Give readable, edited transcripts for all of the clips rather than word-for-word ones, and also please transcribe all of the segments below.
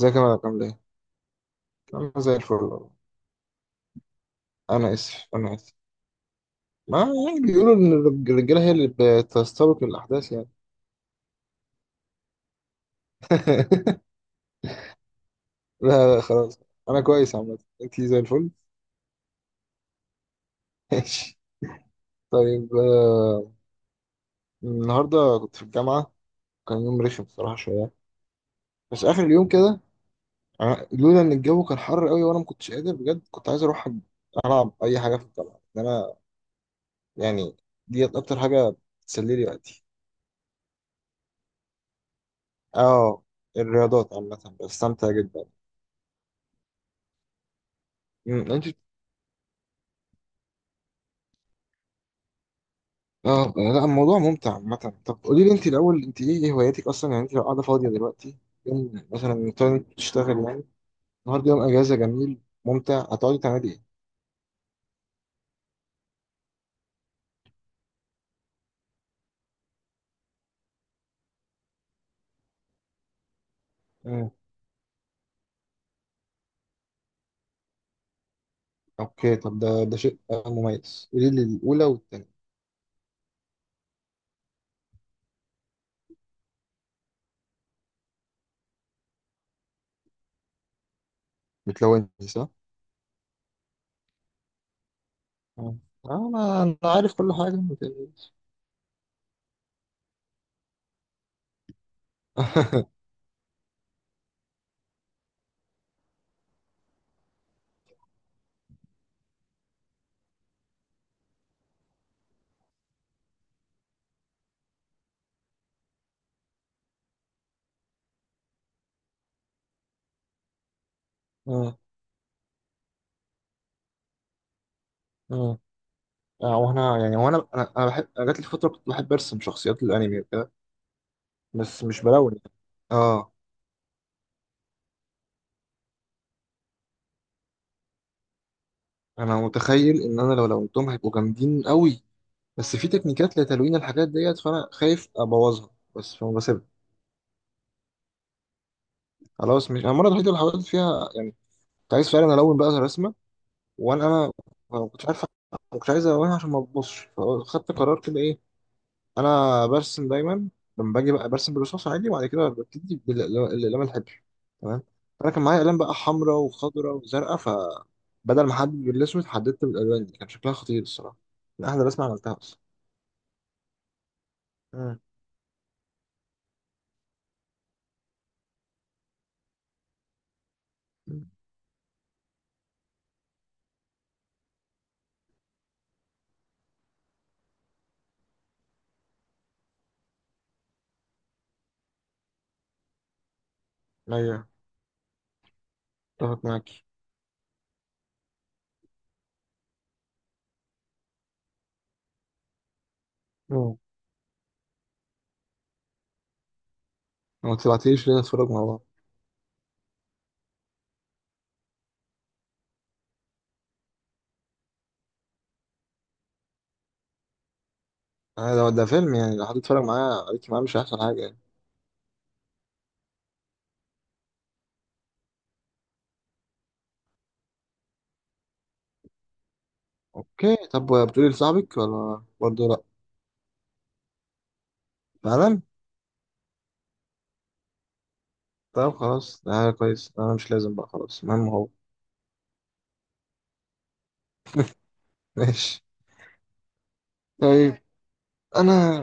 ازيك يا مالك، عامل ايه؟ انا زي الفل والله. انا اسف. ما يعني بيقولوا ان الرجاله هي اللي بتستبق الاحداث يعني. لا لا، خلاص. انا كويس، عامه انت زي الفل. ماشي. طيب، النهارده كنت في الجامعه. كان يوم رخم بصراحه شويه، بس اخر اليوم كده لولا ان الجو كان حر قوي وانا ما كنتش قادر بجد، كنت عايز اروح العب اي حاجه في الجامعه. ان انا يعني ديت اكتر حاجه بتسلي لي وقتي. اه، الرياضات عامه بستمتع جدا. انت؟ اه لا، الموضوع ممتع عامة. طب قولي لي انت الاول، انت ايه هواياتك اصلا؟ يعني انت لو قاعده فاضيه دلوقتي، يوم مثلا تقعدي تشتغل، يعني النهارده يوم اجازه جميل ممتع، هتقعدي تعملي ايه؟ مم. اوكي، طب ده شيء مميز. قولي لي الاولى والثانيه. بتلوني صح؟ مم. اه، انا عارف كل حاجه، ما تقلقيش. اه، اه، وانا يعني وانا انا انا بحب. أنا جات لي فتره كنت بحب ارسم شخصيات الانمي وكده، بس مش بلون. اه. انا متخيل ان انا لو لونتهم هيبقوا جامدين قوي، بس في تكنيكات لتلوين الحاجات ديت فانا خايف ابوظها. بس فما بسيبها. خلاص، مش انا المره الوحيده اللي حاولت فيها، يعني كنت عايز فعلا الون بقى رسمه. وانا ما كنتش عارف، ما كنتش عايز الونها عشان ما تبصش، فخدت قرار كده. ايه، انا برسم دايما. لما باجي بقى برسم بالرصاص عادي، وبعد كده ببتدي بالاقلام الحبر، تمام؟ فانا كان معايا اقلام بقى حمراء وخضراء وزرقاء، فبدل ما احدد بالاسود حددت بالالوان دي. كان شكلها خطير الصراحه، من احلى رسمه عملتها اصلا. امم ايوه، اتفق معاك. ما تبعتليش ليه نتفرج مع بعض؟ ده فيلم يعني، لو حد اتفرج معايا عليك معاه مش هيحصل حاجة يعني. اوكي، طب بتقولي لصاحبك، ولا برضه لا؟ فعلا. طب خلاص، ده حاجة كويس. انا مش لازم بقى، خلاص، المهم هو. ماشي. طيب، انا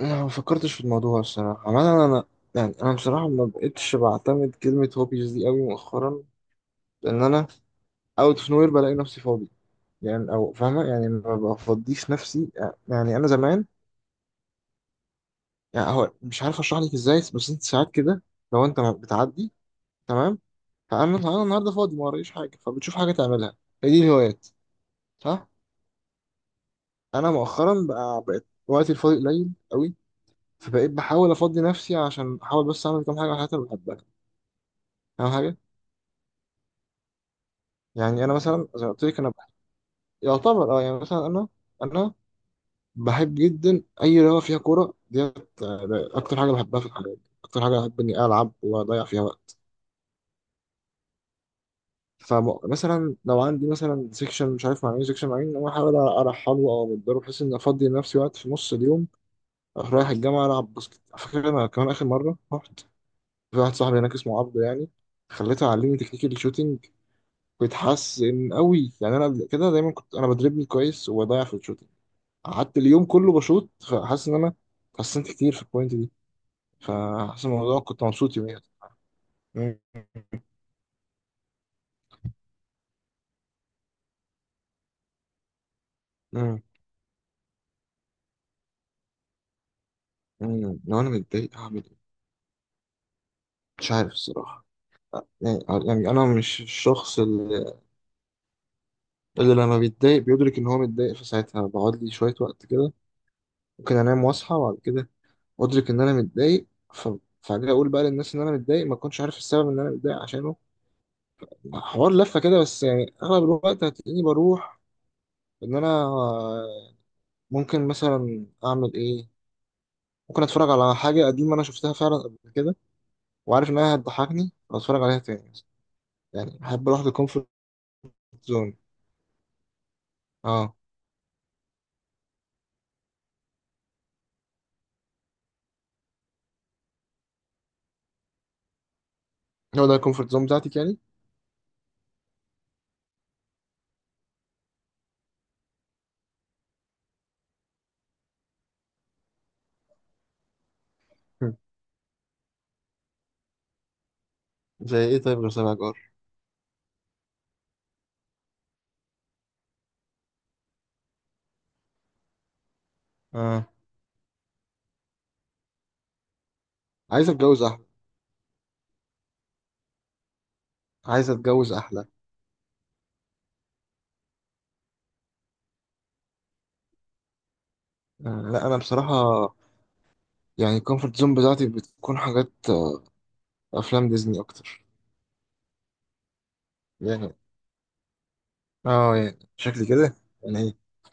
أنا ما فكرتش في الموضوع الصراحة. عمال انا يعني، انا بصراحة ما بقتش بعتمد كلمة هوبيز دي قوي مؤخرا، لان انا اوت اوف نوير بلاقي نفسي فاضي. يعني او فاهمة؟ يعني ما بفضيش نفسي. يعني انا زمان، يعني هو مش عارف اشرح لك ازاي، بس انت ساعات كده لو انت بتعدي، تمام؟ فانا النهارده فاضي ما ورايش حاجه، فبتشوف حاجه تعملها. هي دي الهوايات، صح؟ انا مؤخرا بقى بقيت وقتي الفاضي قليل قوي، فبقيت بحاول افضي نفسي عشان احاول بس اعمل كام حاجه من الحاجات اللي بحبها، اهم حاجه. يعني انا مثلا زي ما قلت لك، انا بحب يعتبر اه يعني مثلا انا بحب جدا اي رياضه فيها كوره ديت. اكتر حاجه بحبها في الحياه، اكتر حاجه بحب اني العب واضيع فيها وقت. فمثلا لو عندي مثلا سيكشن مش عارف مع مين، سيكشن مع مين، انا احاول ارحله او امدله بحيث ان افضي لنفسي وقت في نص اليوم، اروح رايح الجامعه العب باسكت. على فكره انا كمان اخر مره رحت، في واحد صاحبي هناك اسمه عبده يعني، خليته يعلمني تكنيك الشوتينج. بيتحسن قوي يعني. انا قبل كده دايما كنت انا بدربني كويس وبضيع في الشوتينج، قعدت اليوم كله بشوط فحاسس ان انا اتحسنت كتير في البوينت دي. فحاسس الموضوع، كنت مبسوط يوميا. مم. مم. مم. لو انا متضايق هعمل ايه؟ مش عارف الصراحه. يعني، يعني انا مش الشخص اللي لما بيتضايق بيدرك ان هو متضايق في ساعتها. بقعد لي شويه وقت كده، ممكن انام واصحى، وبعد كده ادرك ان انا متضايق. ف... فاجي اقول بقى للناس ان انا متضايق، ما اكونش عارف السبب ان انا متضايق عشانه. حوار لفه كده، بس يعني اغلب الوقت هتلاقيني بروح. ان انا، ممكن مثلا اعمل ايه؟ ممكن اتفرج على حاجه قديمه انا شفتها فعلا قبل كده، وعارف انها هتضحكني، واتفرج عليها تاني. يعني احب اروح للكومفورت زون. اه، هو ده الكومفورت زون بتاعتي يعني. زي ايه؟ طيب غير سبع جار، اه، عايز اتجوز احلى. عايز اتجوز احلى. لا انا بصراحه يعني الكومفورت زون بتاعتي بتكون حاجات، افلام ديزني اكتر. يعني. اه، يعني شكلي كده. يعني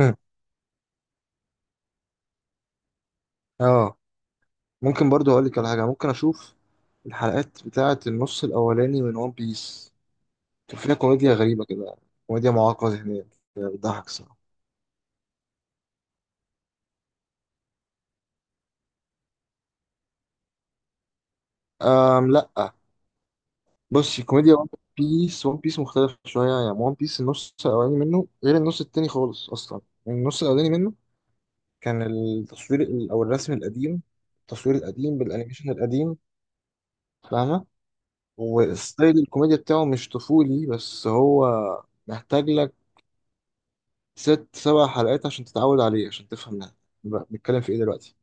ايه؟ اه. ممكن برضو اقول لك على حاجه ممكن اشوف، الحلقات بتاعه النص الاولاني من ون بيس كان فيها كوميديا غريبه كده، كوميديا معاقه ذهنيا كده، بتضحك الصراحه. لا، بصي، كوميديا ون بيس مختلف شوية يعني. ون بيس النص الأولاني منه غير النص التاني خالص أصلا. النص الأولاني منه كان التصوير أو الرسم القديم، التصوير القديم بالأنيميشن القديم، فاهمة؟ وستايل الكوميديا بتاعه مش طفولي، بس هو محتاج لك ست سبع حلقات عشان تتعود عليه، عشان تفهم ده. بنتكلم في إيه دلوقتي؟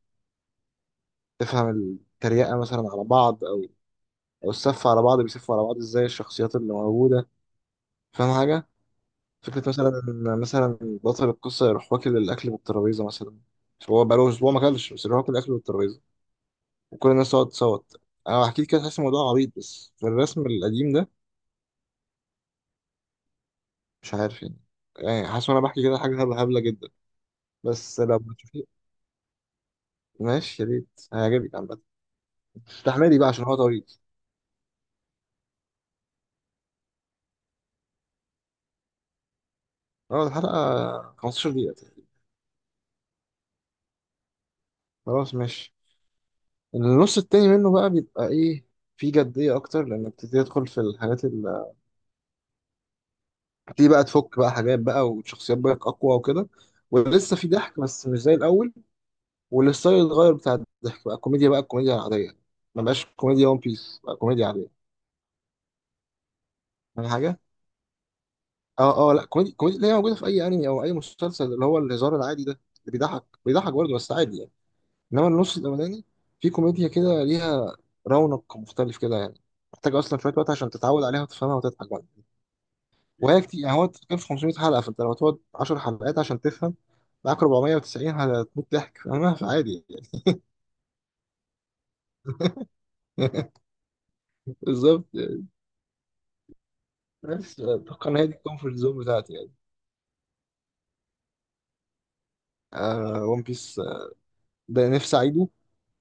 تفهم التريقة مثلا على بعض، أو السف على بعض، بيسفوا على بعض إزاي الشخصيات اللي موجودة. فاهم حاجة؟ فكرة مثلا بطل القصة يروح واكل الأكل من الترابيزة مثلا، مش هو بقاله أسبوع ما أكلش، بس يروح ياكل الأكل من الترابيزة وكل الناس تقعد تصوت. أنا بحكي كده تحس الموضوع عبيط بس في الرسم القديم ده، مش عارف يعني. يعني حاسس وأنا بحكي كده حاجة هبلة هبلة جدا. بس لو بتشوفيه، ماشي، يا ريت هيعجبك عامة. استحملي بقى عشان هو طويل. اه، الحلقة 15 دقيقة تقريباً. خلاص ماشي. النص التاني منه بقى بيبقى إيه، فيه جدية أكتر، لأنك بتبتدي تدخل في الحاجات. تبتدي بقى تفك بقى حاجات بقى وشخصيات بقى اقوى وكده. ولسه في ضحك بس مش زي الاول، والستايل اتغير بتاع الضحك، بقى كوميديا، بقى كوميديا عاديه. ما بقاش كوميديا ون بيس، بقى كوميديا عاديه، فاهم حاجه؟ اه، اه، لا، كوميديا اللي هي موجوده في اي انمي او اي مسلسل، اللي هو الهزار العادي ده، اللي بيضحك بيضحك برضه بس عادي يعني. انما النص الاولاني في كوميديا كده ليها رونق مختلف كده يعني، محتاج اصلا شويه وقت عشان تتعود عليها وتفهمها وتضحك بقى. وهي كتير يعني، هو كان في 500 حلقة، فانت لو تقعد 10 حلقات عشان تفهم معاك، 490 هتموت ضحك. فاهمها؟ فعادي يعني. بالظبط يعني. بس اتوقع ان هي دي الكومفورت زون بتاعتي يعني. ون بيس ده نفسي اعيده،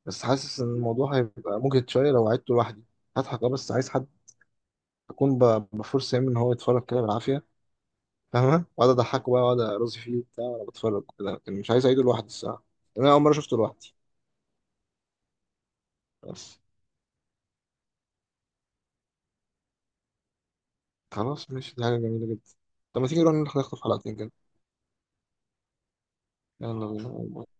بس حاسس ان الموضوع هيبقى مجهد شوية لو عدته لوحدي. هضحك اه بس عايز حد، اكون بفرصة يعني ان هو يتفرج كده بالعافية. فاهمة؟ واقعد اضحكه بقى، واقعد ارازي فيه وبتاع وانا بتفرج كده. لكن مش عايز اعيده لوحدي الصراحة، لأن انا اول مرة شفته لوحدي بس. خلاص ماشي، دي حاجة جميلة جدا. طب ما تيجي نروح نخطف حلقتين كده؟ يلا بينا.